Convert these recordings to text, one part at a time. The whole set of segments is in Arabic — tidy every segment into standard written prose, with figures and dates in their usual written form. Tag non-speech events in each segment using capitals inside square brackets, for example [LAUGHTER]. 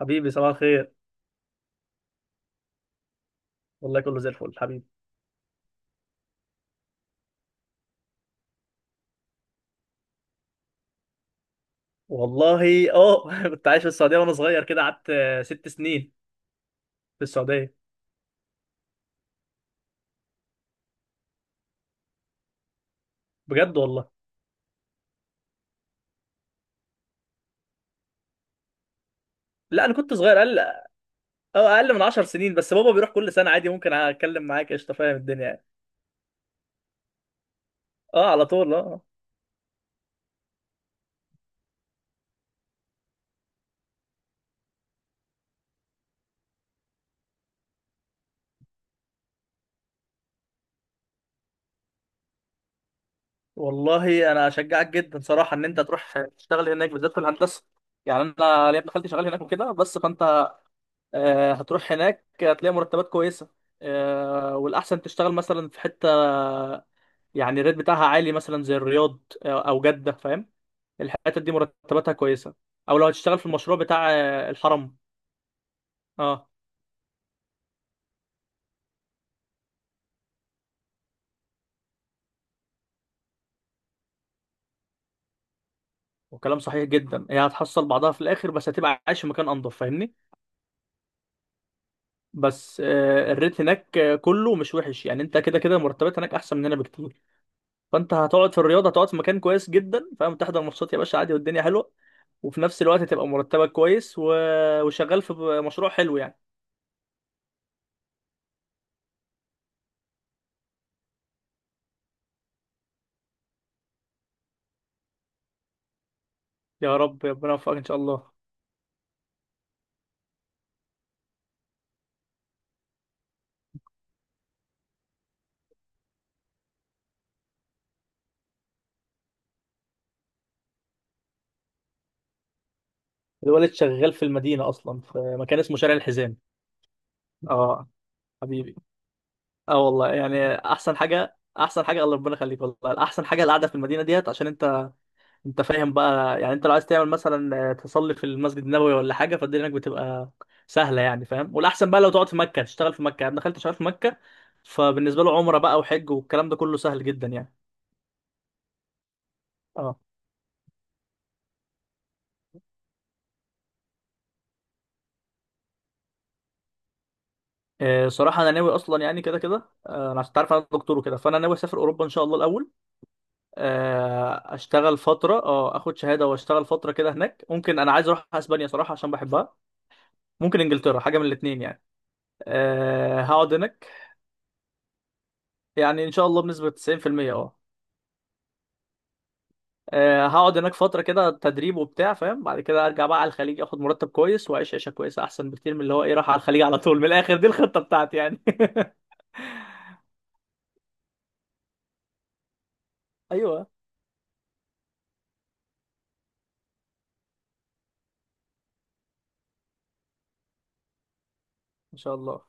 حبيبي صباح الخير. والله كله زي الفل حبيبي. والله [LAUGHS] كنت عايش في السعوديه وانا صغير كده قعدت 6 سنين في السعوديه، بجد والله. لا انا كنت صغير، اقل. اه اقل من 10 سنين، بس بابا بيروح كل سنه عادي، ممكن اتكلم معاك قشطه فاهم الدنيا يعني. اه على طول اه. والله انا اشجعك جدا صراحه ان انت تروح تشتغل هناك، بالذات في الهندسه. يعني انا ليا ابن خالتي شغال هناك وكده، بس فانت هتروح هناك هتلاقي مرتبات كويسه. والاحسن تشتغل مثلا في حته يعني الريت بتاعها عالي، مثلا زي الرياض او جدة، فاهم؟ الحتت دي مرتباتها كويسة، او لو هتشتغل في المشروع بتاع الحرم. اه. وكلام صحيح جدا، هي هتحصل بعضها في الاخر، بس هتبقى عايش في مكان انضف فاهمني. بس الريت هناك كله مش وحش، يعني انت كده كده المرتبات هناك احسن مننا بكتير. فانت هتقعد في الرياض، هتقعد في مكان كويس جدا فاهم، تحضر ماتشات يا باشا عادي والدنيا حلوة. وفي نفس الوقت هتبقى مرتبك كويس وشغال في مشروع حلو يعني. يا رب ربنا يوفقك ان شاء الله. الولد شغال في المدينة أصلا، في مكان اسمه شارع الحزام. اه. حبيبي. اه والله يعني أحسن حاجة، أحسن حاجة الله ربنا يخليك، والله أحسن حاجة القعدة في المدينة ديت، عشان أنت أنت فاهم بقى يعني، أنت لو عايز تعمل مثلا تصلي في المسجد النبوي ولا حاجة، فالدنيا هناك بتبقى سهلة يعني فاهم. والأحسن بقى لو تقعد في مكة، تشتغل في مكة. أنا دخلت شغال في مكة، فبالنسبة له عمرة بقى وحج والكلام ده كله سهل جدا يعني. اه. صراحة أنا ناوي أصلا يعني، كده كده أنا عشان تعرف أنا دكتور وكده، فأنا ناوي أسافر أوروبا إن شاء الله الأول. اشتغل فتره، اخد شهاده واشتغل فتره كده هناك. ممكن انا عايز اروح اسبانيا صراحه عشان بحبها، ممكن انجلترا، حاجه من الاثنين يعني. أه هقعد هناك. يعني ان شاء الله بنسبه 90%. اه. هقعد هناك فتره كده تدريب وبتاع فاهم، بعد كده ارجع بقى على الخليج، اخد مرتب كويس واعيش عيشه كويسه احسن بكتير من اللي هو ايه، راح على الخليج على طول من الاخر. دي الخطه بتاعتي يعني. [LAUGHS] ايوه ان شاء الله.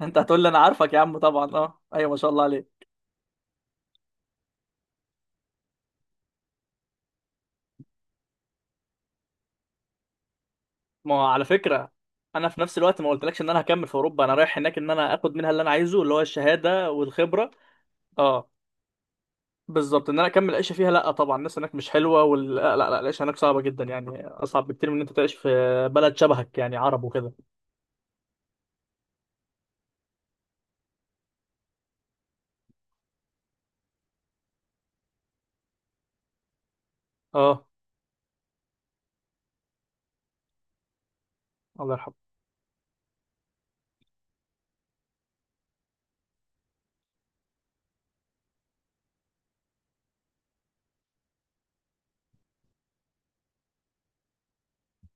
انت هتقول لي انا عارفك يا عم طبعا، اه ايوه ما شاء الله عليك. ما هو على فكرة انا في نفس الوقت ما قلتلكش ان انا هكمل في اوروبا، انا رايح هناك ان انا اخد منها اللي انا عايزه، اللي هو الشهادة والخبرة. اه، بالظبط. ان انا اكمل عيشه فيها لا طبعا، الناس هناك مش حلوه، لا لا لا العيشه هناك صعبه جدا، يعني اصعب بكتير من ان انت تعيش في بلد شبهك يعني، عرب وكده. اه. الله يرحمه.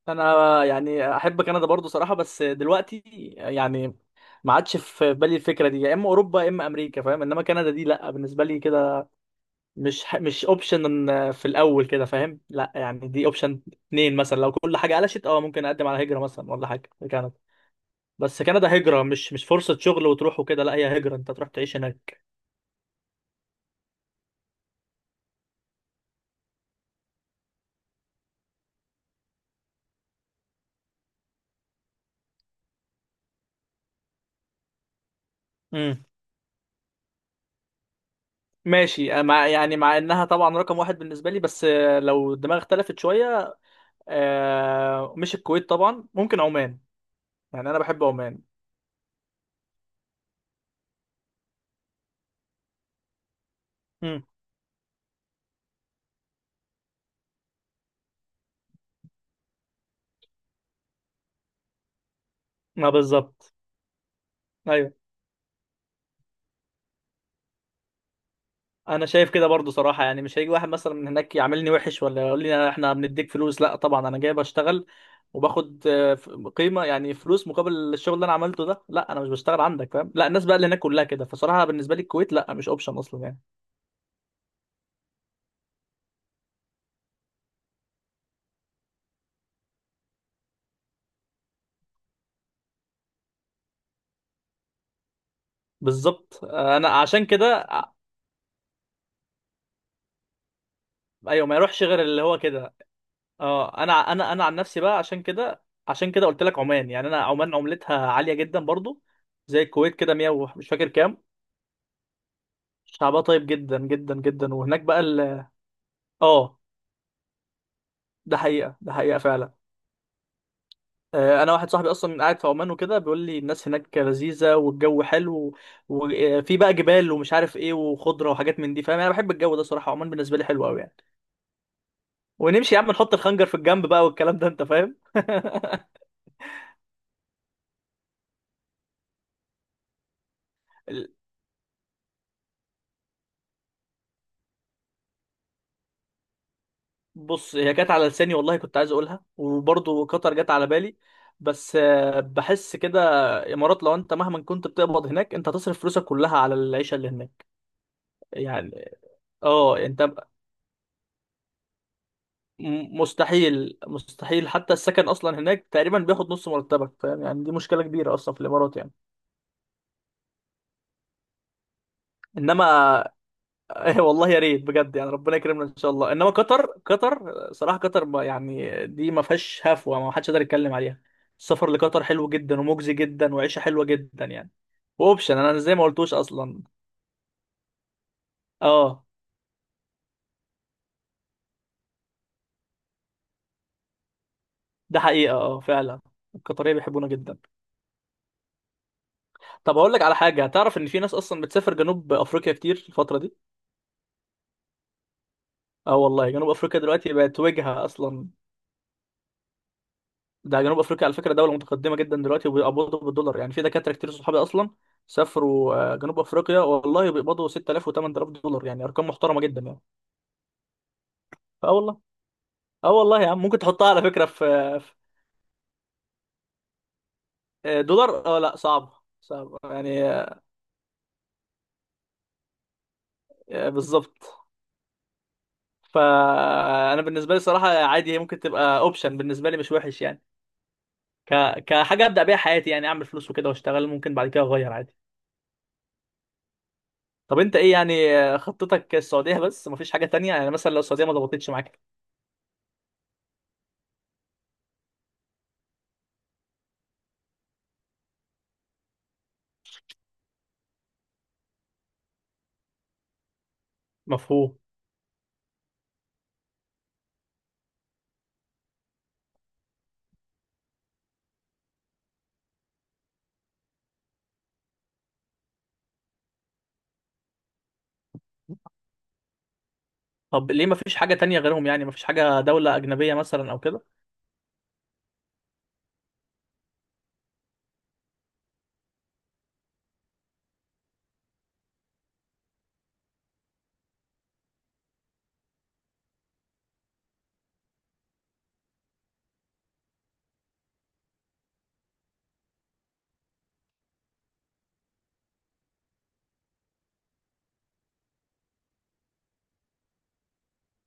انا يعني احب كندا برضو صراحه، بس دلوقتي يعني ما عادش في بالي الفكره دي، يا اما اوروبا يا اما امريكا فاهم، انما كندا دي لا بالنسبه لي كده مش اوبشن في الاول كده فاهم، لا يعني دي اوبشن اتنين مثلا، لو كل حاجه قلشت اه ممكن اقدم على هجره مثلا ولا حاجه في كندا. بس كندا هجره، مش فرصه شغل وتروح وكده، لا هي هجره انت تروح تعيش هناك. امم. ماشي. مع يعني مع انها طبعا رقم واحد بالنسبه لي، بس لو الدماغ اختلفت شويه مش الكويت طبعا، ممكن عمان. يعني انا بحب عمان. امم. ما بالظبط. ايوه انا شايف كده برضو صراحه، يعني مش هيجي واحد مثلا من هناك يعاملني وحش ولا يقول لي احنا بنديك فلوس، لا طبعا انا جاي بشتغل وباخد قيمه يعني، فلوس مقابل الشغل اللي انا عملته ده، لا انا مش بشتغل عندك فاهم. لا الناس بقى اللي هناك كلها كده، فصراحه بالنسبه لي الكويت لا مش اوبشن اصلا يعني. بالظبط. آه، انا عشان كده ع- ايوه ما يروحش غير اللي هو كده. اه انا ع- انا انا عن نفسي بقى، عشان كده عشان كده قلت لك عمان. يعني انا عمان عملتها عاليه جدا برضو، زي الكويت كده 100 ومش فاكر كام. شعبها طيب جدا جدا جدا. وهناك بقى ال اه. ده حقيقة، ده حقيقة فعلا. أنا واحد صاحبي أصلا قاعد في عمان وكده، بيقول لي الناس هناك لذيذة والجو حلو، وفي بقى جبال ومش عارف إيه وخضرة وحاجات من دي فاهم. أنا بحب الجو ده صراحة، عمان بالنسبة لي حلو أوي يعني. ونمشي يا عم نحط الخنجر في الجنب بقى والكلام ده أنت فاهم. [LAUGHS] ال- بص هي جت على لساني والله، كنت عايز أقولها، وبرضه قطر جت على بالي. بس بحس كده إمارات لو أنت مهما كنت بتقبض هناك أنت هتصرف فلوسك كلها على العيشة اللي هناك. يعني اه انت مستحيل مستحيل، حتى السكن اصلا هناك تقريبا بياخد نص مرتبك فاهم يعني، دي مشكله كبيره اصلا في الامارات يعني. انما [LAUGHS] والله يا ريت بجد، يعني ربنا يكرمنا ان شاء الله. انما قطر، قطر صراحه قطر يعني دي ما فيهاش هفوه، ما حدش يقدر يتكلم عليها. السفر لقطر حلو جدا ومجزي جدا وعيشه حلوه جدا يعني. واوبشن انا زي ما قلتوش اصلا. اه. ده حقيقه اه فعلا. القطريه بيحبونا جدا. طب هقول لك على حاجه، تعرف ان في ناس اصلا بتسافر جنوب افريقيا كتير الفتره دي؟ اه والله جنوب افريقيا دلوقتي بقت وجهه اصلا. ده جنوب افريقيا على فكره دوله متقدمه جدا دلوقتي، وبيقبضوا بالدولار. يعني في دكاتره كتير صحابي اصلا سافروا جنوب افريقيا، والله بيقبضوا 6000 و8000 دولار، يعني ارقام محترمه جدا يعني. اه والله. اه والله يا عم ممكن تحطها على فكره في- دولار اه. لا صعب، صعب يعني. بالظبط. فانا بالنسبه لي الصراحه عادي، هي ممكن تبقى اوبشن بالنسبه لي مش وحش يعني، ك... كحاجه ابدا بيها حياتي، يعني اعمل فلوس وكده واشتغل، ممكن بعد كده اغير عادي. طب انت ايه يعني خطتك السعودية بس، مفيش حاجة تانية؟ يعني مثلا لو السعودية ما ضبطتش معاك. مفهوم. طب ليه مفيش حاجة تانية غيرهم؟ يعني مفيش حاجة دولة أجنبية مثلا أو كده؟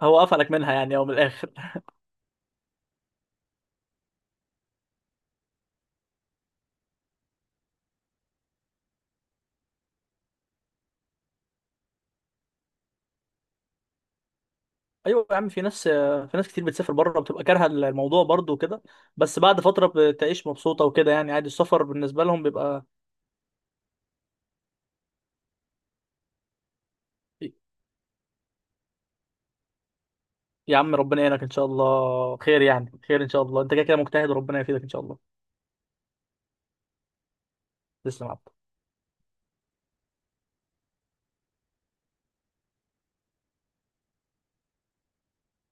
هو قفلك منها يعني أو من الآخر؟ [LAUGHS] أيوة يا عم، في ناس في ناس كتير بتسافر بره بتبقى كارهة الموضوع برضه وكده، بس بعد فترة بتعيش مبسوطة وكده، يعني عادي السفر بالنسبة لهم بيبقى. يا عم ربنا يعينك إن شاء الله خير، يعني خير إن شاء الله، أنت كده كده مجتهد وربنا يفيدك إن شاء الله. تسلم يا عبد.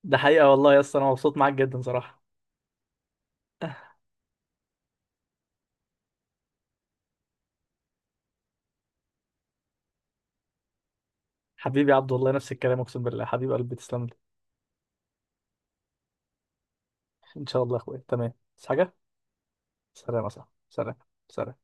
ده حقيقة والله يا اسطى، أنا مبسوط معاك جدا صراحة. حبيبي يا عبد، والله نفس الكلام، اقسم بالله حبيب قلبي، تسلم لي. ان شاء الله يا اخويا، تمام بس حاجه. سلام يا صاحبي، سلام. سلام.